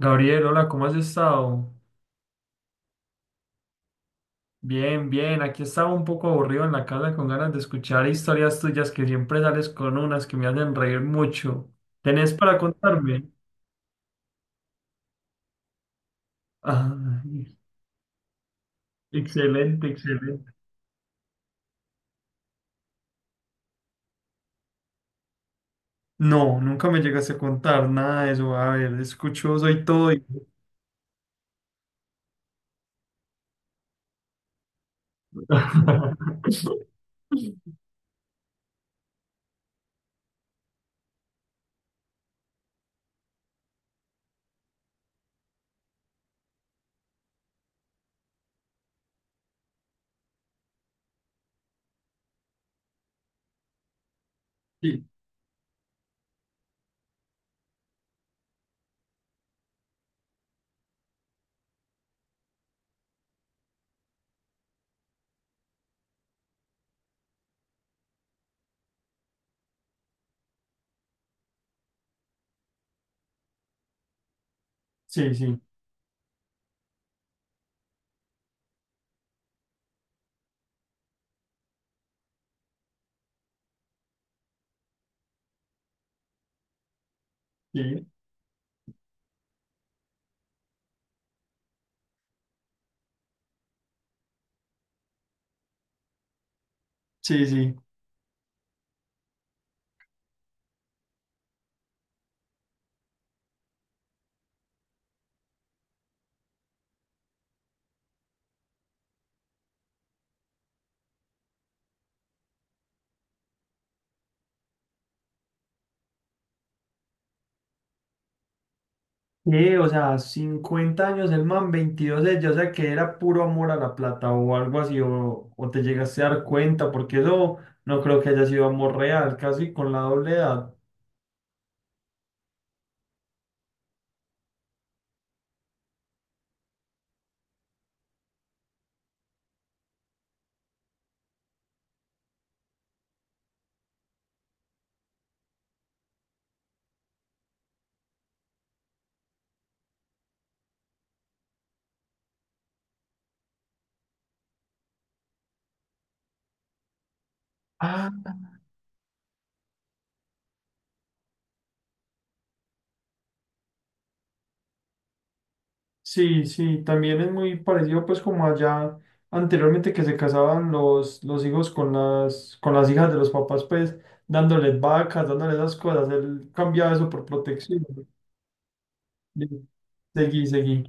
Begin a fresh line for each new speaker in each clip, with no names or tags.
Gabriel, hola, ¿cómo has estado? Bien, bien, aquí estaba un poco aburrido en la casa con ganas de escuchar historias tuyas que siempre sales con unas que me hacen reír mucho. ¿Tenés para contarme? Ay, excelente, excelente. No, nunca me llegaste a contar nada de eso. A ver, escucho, soy todo. Sí, sí, sí, sí, sí, sí. Sí, o sea, 50 años el man, 22 ella, o sea que era puro amor a la plata o algo así, o te llegaste a dar cuenta, porque eso no creo que haya sido amor real, casi con la doble edad. Ah, sí, sí, también es muy parecido pues como allá anteriormente que se casaban los hijos con las hijas de los papás, pues dándoles vacas, dándoles esas cosas, él cambiaba eso por protección, ¿no? Sí, seguí, seguí.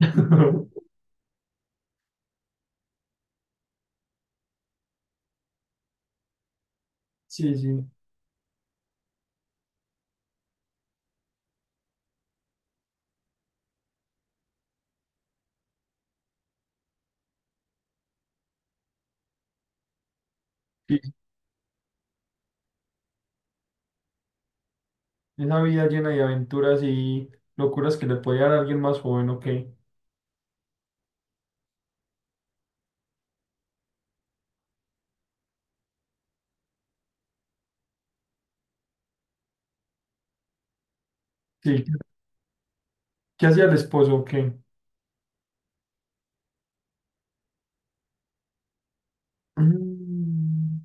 Sí, sí. Esa vida llena de aventuras y locuras que le puede dar a alguien más joven, ¿o qué? Sí, ¿qué hacía el esposo, o qué? Mm,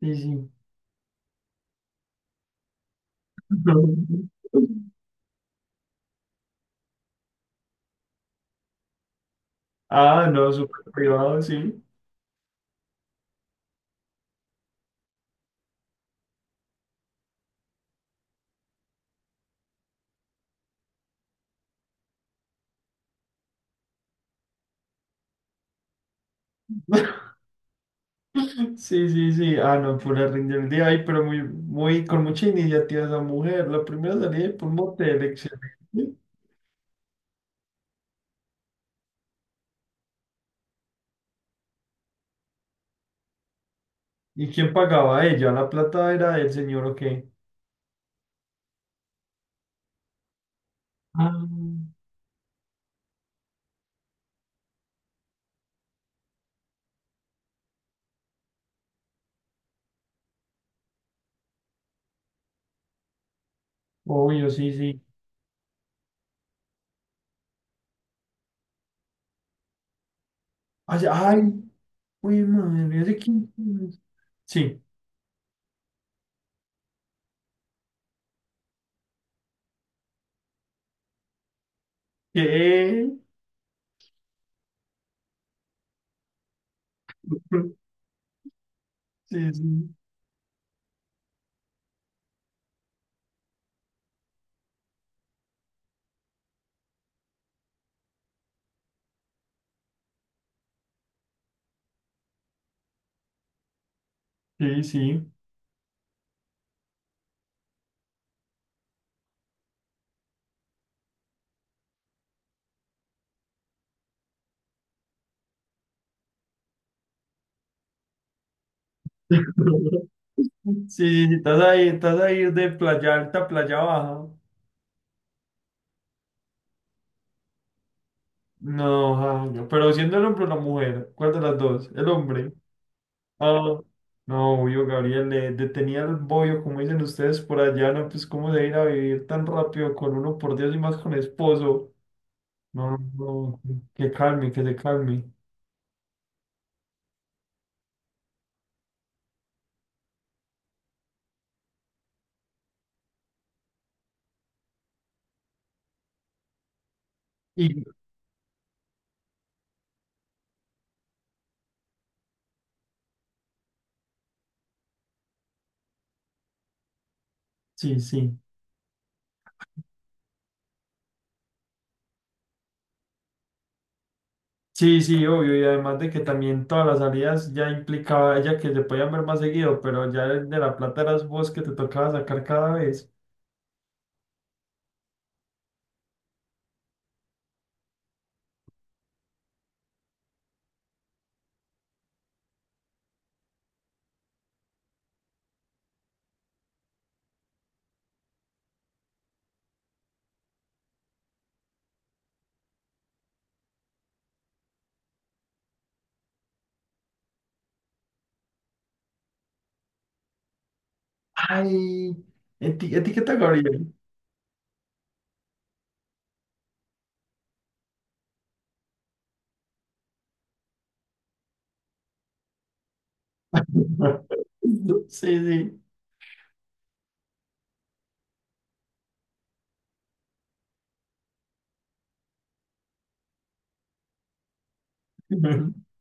sí, sí. Ah, no, súper privado, sí. Sí, sí, sí. Ah, no, pura rinda el día. Ay, pero muy, muy, con mucha iniciativa esa mujer. La primera salida por un motel, excelente. ¿Y quién pagaba? ¿Ella? ¿La plata era del señor o qué? Ah, obvio, sí, sí. Ay, ay, uy, madre, ¿ese quién es? Sí. ¿Qué? Sí, sí, sí, sí. Sí, sí, sí, estás ahí de playa alta a playa baja. No, Jaime, pero siendo el hombre o la mujer, ¿cuál de las dos? El hombre. Ah, no, obvio, Gabriel, le detenía el bollo, como dicen ustedes por allá, no, pues cómo se ir a vivir tan rápido con uno, por Dios, y más con esposo. No, no, que calme, que se calme. Y sí, sí. Sí, sí, obvio, y además de que también todas las salidas ya implicaba ella que se podían ver más seguido, pero ya el de la plata eras vos que te tocaba sacar cada vez. Ay, etiqueta Gabriel. Sí, sí.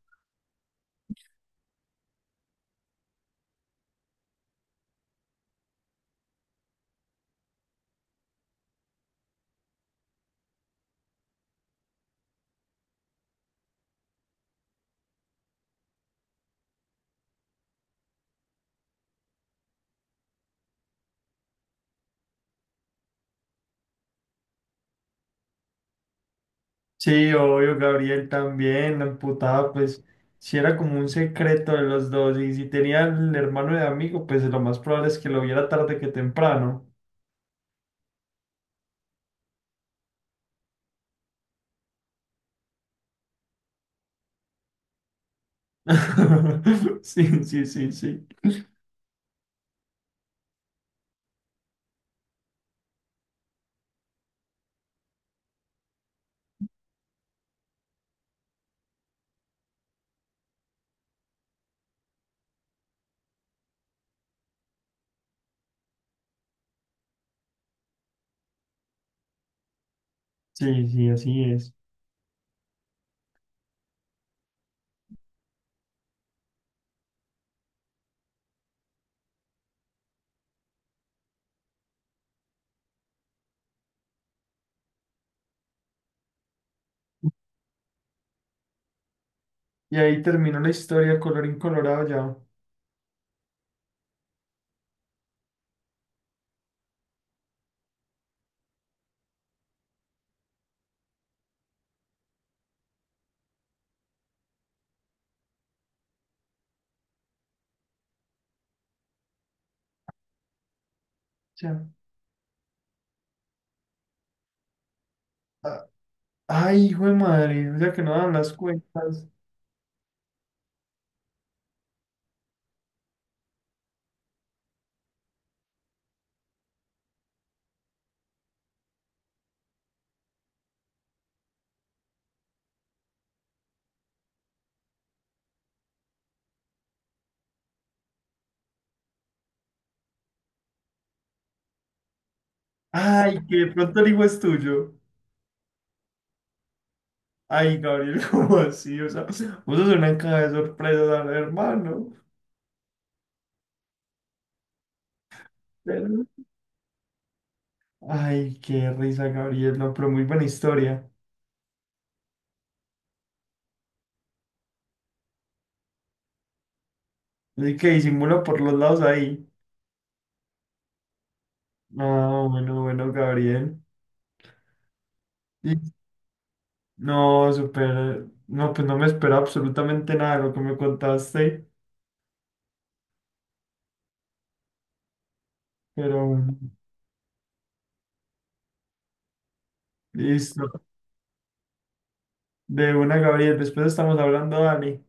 Sí, obvio, Gabriel también, la emputada, pues, si era como un secreto de los dos, y si tenía el hermano de amigo, pues lo más probable es que lo viera tarde que temprano. Sí, sí, sí, sí. Sí, sí, así es. Y ahí terminó la historia, colorín colorado ya. O sea, ah, ay, hijo de madre, o sea que no dan las cuentas. Ay, que de pronto el hijo es tuyo. Ay, Gabriel, ¿cómo así? O sea, vos sos una caja de sorpresas al hermano. Pero- Ay, qué risa, Gabriel, no, pero muy buena historia. Así que disimula por los lados ahí. No, bueno, bueno, Gabriel. Y- No, súper. No, pues no me esperaba absolutamente nada de lo que me contaste, pero bueno, listo. De una, Gabriel. Después estamos hablando, Dani.